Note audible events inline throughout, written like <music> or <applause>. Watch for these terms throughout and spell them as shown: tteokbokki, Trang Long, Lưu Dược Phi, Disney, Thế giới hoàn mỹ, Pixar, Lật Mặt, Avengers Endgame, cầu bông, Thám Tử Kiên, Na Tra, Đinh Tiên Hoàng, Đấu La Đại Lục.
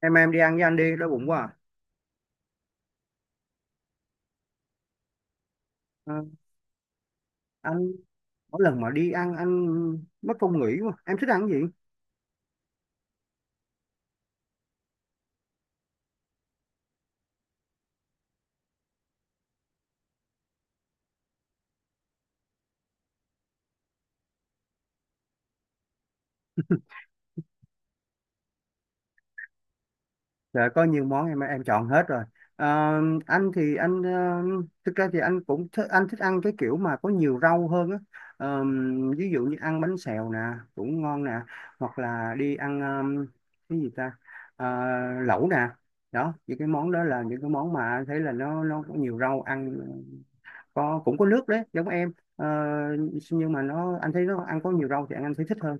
Em đi ăn với anh đi, đói bụng quá à. Ờ, anh, mỗi lần mà đi ăn anh mất công nghỉ quá, em thích ăn cái gì? Dạ có nhiều món em chọn hết rồi. Ờ, anh thì anh thực ra thì anh cũng thích, anh thích ăn cái kiểu mà có nhiều rau hơn á. Ờ, Ví dụ như ăn bánh xèo nè, cũng ngon nè, hoặc là đi ăn, cái gì ta? Ờ, Lẩu nè. Đó, những cái món đó là những cái món mà anh thấy là nó có nhiều rau ăn, có, cũng có nước đấy giống em. Ờ, nhưng mà nó, anh thấy nó ăn có nhiều rau thì anh thấy thích hơn.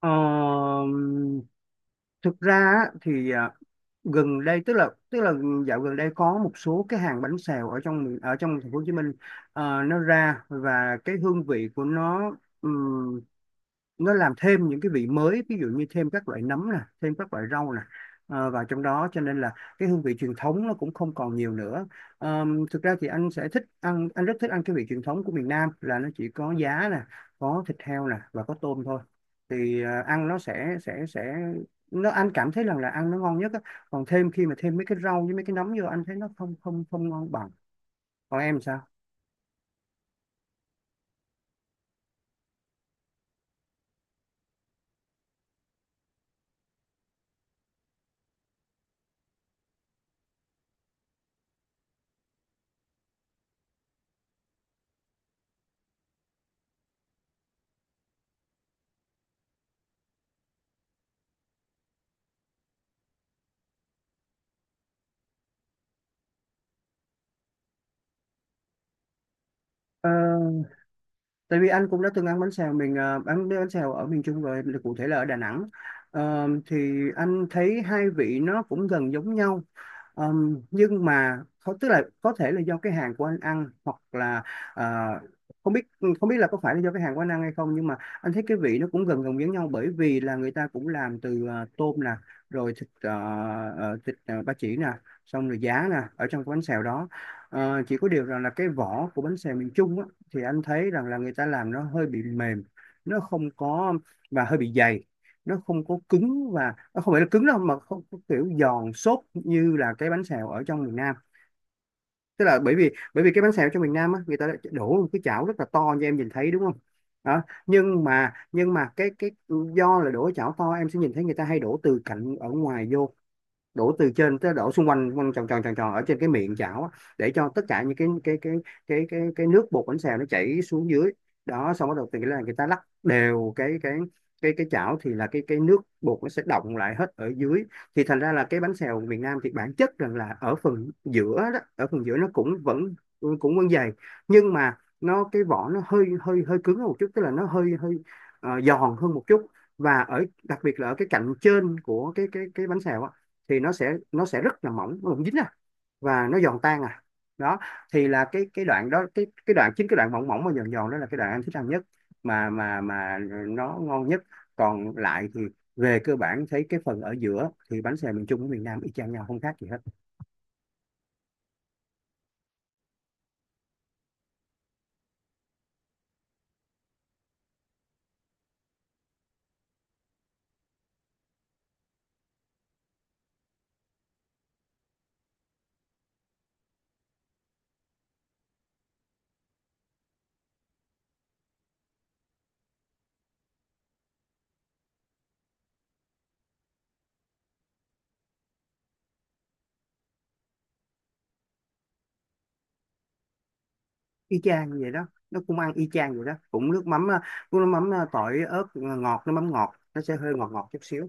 Ờ, Thực ra á, thì gần đây, tức là dạo gần đây có một số cái hàng bánh xèo ở trong thành phố Hồ Chí Minh, nó ra và cái hương vị của nó làm thêm những cái vị mới, ví dụ như thêm các loại nấm nè, thêm các loại rau nè, vào trong đó, cho nên là cái hương vị truyền thống nó cũng không còn nhiều nữa. Thực ra thì anh sẽ thích ăn, anh rất thích ăn cái vị truyền thống của miền Nam, là nó chỉ có giá nè, có thịt heo nè và có tôm thôi. Thì ăn nó sẽ nó, anh cảm thấy rằng là ăn nó ngon nhất á. Còn thêm, khi mà thêm mấy cái rau với mấy cái nấm vô anh thấy nó không không không ngon bằng. Còn em sao? Ờ, Tại vì anh cũng đã từng ăn bánh xèo mình, ăn bánh xèo ở miền Trung rồi, là cụ thể là ở Đà Nẵng. Thì anh thấy hai vị nó cũng gần giống nhau. Ờ, nhưng mà không- tức là có thể là do cái hàng của anh ăn, hoặc là ờ, không biết, không biết là có phải là do cái hàng của anh ăn hay không, nhưng mà anh thấy cái vị nó cũng gần gần giống nhau, bởi vì là người ta cũng làm từ tôm nè, rồi thịt ba chỉ nè, xong rồi giá nè ở trong cái bánh xèo đó. Chỉ có điều rằng là cái vỏ của bánh xèo miền Trung á, thì anh thấy rằng là người ta làm nó hơi bị mềm, nó không có, và hơi bị dày. Nó không có cứng, và nó không phải là cứng đâu mà không có kiểu giòn xốp như là cái bánh xèo ở trong miền Nam. Tức là, bởi vì cái bánh xèo trong miền Nam á, người ta đã đổ một cái chảo rất là to, như em nhìn thấy đúng không? Đó, nhưng mà cái, do là đổ chảo to em sẽ nhìn thấy người ta hay đổ từ cạnh ở ngoài vô, đổ từ trên tới, đổ xung quanh, quanh tròn tròn tròn tròn ở trên cái miệng chảo á, để cho tất cả những cái nước bột bánh xèo nó chảy xuống dưới. Đó, xong bắt đầu từ cái là người ta lắc đều cái chảo, thì là cái nước bột nó sẽ đọng lại hết ở dưới. Thì thành ra là cái bánh xèo miền Nam thì bản chất rằng là ở phần giữa đó, ở phần giữa nó cũng vẫn, cũng vẫn dày, nhưng mà nó, cái vỏ nó hơi hơi hơi cứng hơn một chút, tức là nó hơi hơi giòn hơn một chút. Và ở, đặc biệt là ở cái cạnh trên của cái bánh xèo á, thì nó sẽ rất là mỏng, nó không dính à, và nó giòn tan à đó. Thì là cái đoạn đó, cái đoạn chính, cái đoạn mỏng mỏng và giòn giòn đó là cái đoạn em thích ăn nhất, mà nó ngon nhất. Còn lại thì về cơ bản thấy cái phần ở giữa thì bánh xèo miền Trung với miền Nam y chang nhau, không khác gì hết. Y chang như vậy đó, nó cũng ăn y chang vậy đó, cũng nước mắm tỏi ớt ngọt, nước mắm ngọt nó sẽ hơi ngọt ngọt chút xíu.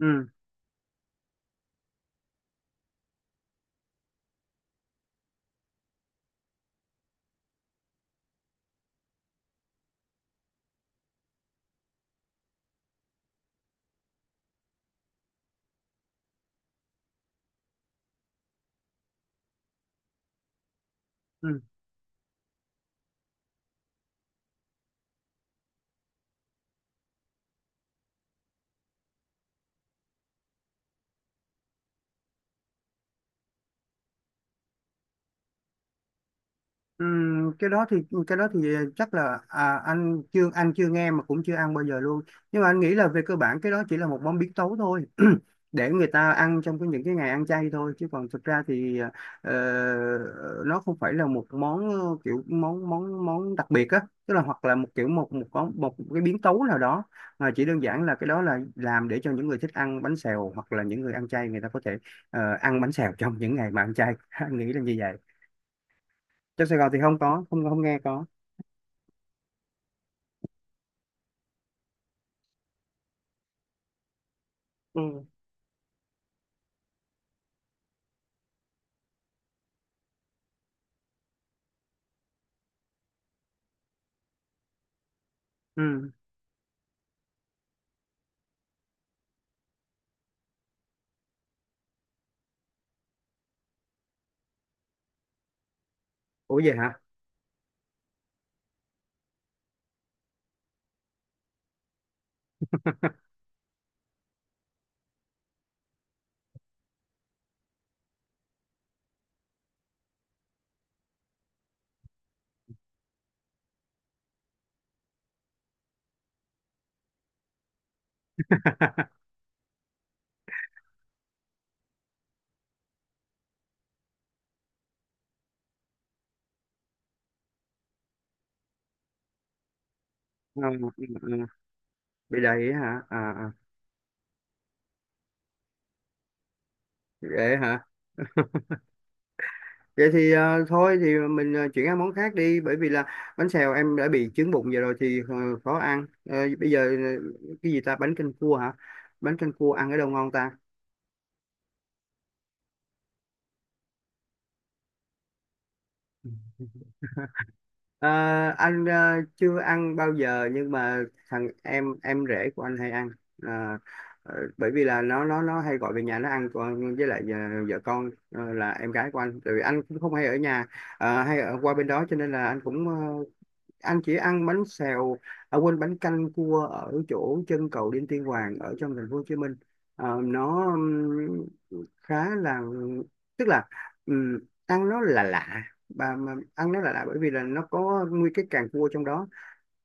Ừ, ừ. Ừm, cái đó thì cái đó thì chắc là, anh chưa nghe mà cũng chưa ăn bao giờ luôn, nhưng mà anh nghĩ là về cơ bản cái đó chỉ là một món biến tấu thôi <clears throat> để người ta ăn trong cái, những cái ngày ăn chay thôi, chứ còn thực ra thì ờ, nó không phải là một món, kiểu món món món đặc biệt á, tức là, hoặc là một kiểu, một một món, một cái biến tấu nào đó, mà chỉ đơn giản là cái đó là làm để cho những người thích ăn bánh xèo, hoặc là những người ăn chay người ta có thể ăn bánh xèo trong những ngày mà ăn chay. <laughs> Anh nghĩ là như vậy. Trong Sài Gòn thì không có, không không nghe có. Ừ. Ừ. Ủa vậy hả? <laughs> Ờ, ừ, ừ. Bị đầy hả? À, à. Vậy hả? Vậy thì thôi thì mình chuyển sang món khác đi, bởi vì là bánh xèo em đã bị chứng bụng vậy rồi thì, khó ăn. Ờ, Bây giờ cái gì ta? Bánh canh cua hả? Bánh canh cua ăn ở đâu ngon ta? Ờ, anh chưa ăn bao giờ, nhưng mà thằng em rể của anh hay ăn. Ờ, Bởi vì là nó hay gọi về nhà nó ăn, còn với lại vợ con, là em gái của anh. Tại vì anh cũng không hay ở nhà, hay ở qua bên đó, cho nên là anh cũng anh chỉ ăn bánh xèo, à quên, bánh canh cua ở chỗ chân cầu Đinh Tiên Hoàng ở trong thành phố Hồ Chí Minh. Nó khá là, tức là, ừm, ăn nó là lạ, bà mà ăn nó là lạ, bởi vì là nó có nguyên cái càng cua trong đó.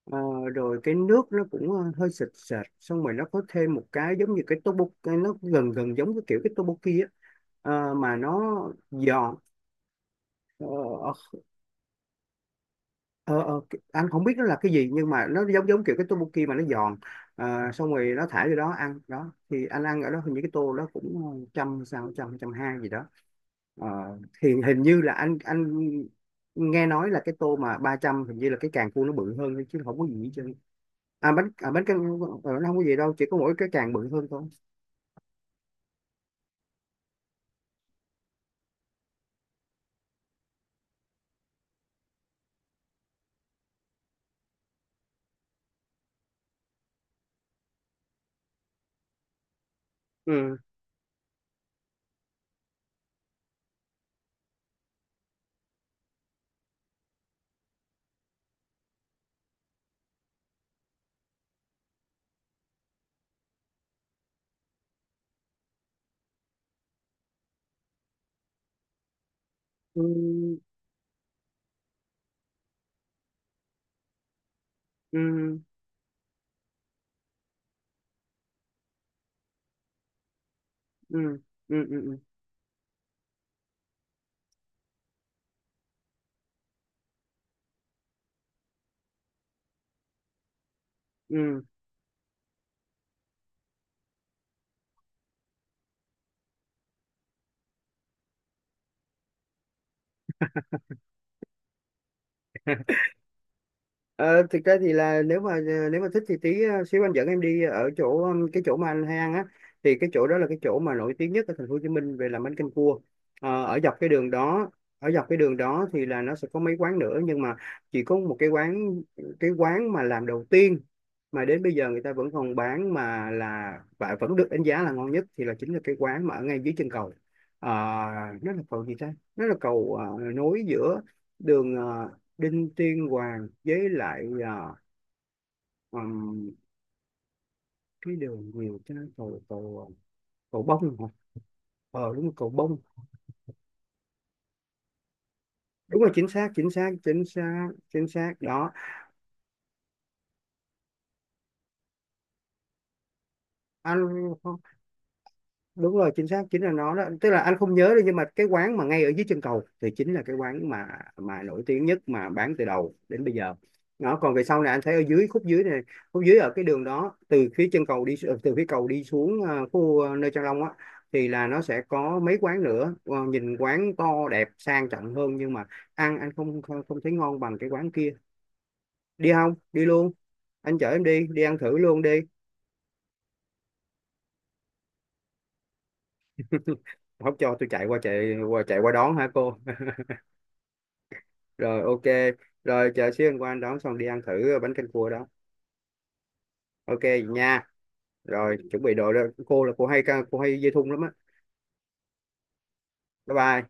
Ờ, Rồi cái nước nó cũng hơi sệt sệt, xong rồi nó có thêm một cái giống như cái tteokbokki, cái nó gần gần giống cái kiểu cái tteokbokki á. Mà nó giòn, ờ, anh không biết nó là cái gì, nhưng mà nó giống giống kiểu cái tteokbokki mà nó giòn. Xong rồi nó thả vô đó ăn đó, thì anh ăn ở đó hình như cái tô đó cũng trăm sao, trăm trăm hai gì đó. Ờ, thì hình như là anh nghe nói là cái tô mà 300 hình như là cái càng cua nó bự hơn thôi, chứ không có gì hết trơn. À bánh, à, bánh căn. Nó không có gì đâu, chỉ có mỗi cái càng bự hơn thôi. Ừ, ừ, ừ, ừ, ừ, ừ, ừ. Ừ. Ờ, Thực ra thì là nếu mà thích thì tí xíu anh dẫn em đi ở chỗ, cái chỗ mà anh hay ăn á, thì cái chỗ đó là cái chỗ mà nổi tiếng nhất ở thành phố Hồ Chí Minh về làm bánh canh cua. Ở dọc cái đường đó, ở dọc cái đường đó thì là nó sẽ có mấy quán nữa, nhưng mà chỉ có một cái quán, cái quán mà làm đầu tiên, mà đến bây giờ người ta vẫn còn bán, mà là và vẫn được đánh giá là ngon nhất, thì là chính là cái quán mà ở ngay dưới chân cầu. Ờ, nó là cầu gì ta, nó là cầu nối giữa đường, Đinh Tiên Hoàng với lại, ừm, cái đường nhiều cái cầu cầu, à, cầu Bông hả? Ờ đúng rồi, cầu Bông. Đúng rồi, chính xác, chính xác, chính xác, chính xác đó anh. Đúng rồi, chính xác, chính là nó đó, tức là anh không nhớ được, nhưng mà cái quán mà ngay ở dưới chân cầu thì chính là cái quán mà nổi tiếng nhất mà bán từ đầu đến bây giờ. Nó còn về sau này anh thấy ở dưới khúc dưới này, khúc dưới ở cái đường đó, từ phía chân cầu từ phía cầu đi xuống khu, nơi Trang Long á, thì là nó sẽ có mấy quán nữa. Ờ, Nhìn quán to đẹp sang trọng hơn, nhưng mà ăn anh không không không thấy ngon bằng cái quán kia. Đi không? Đi luôn, anh chở em đi, đi ăn thử luôn đi. <laughs> Không cho tôi chạy qua đón hả cô? Rồi, ok. Rồi chờ xíu anh qua anh đón, xong đi ăn thử bánh canh cua đó. Ok vậy nha. Rồi chuẩn bị đồ đó. cô là cô hay cô hay dây thun lắm á. Bye bye.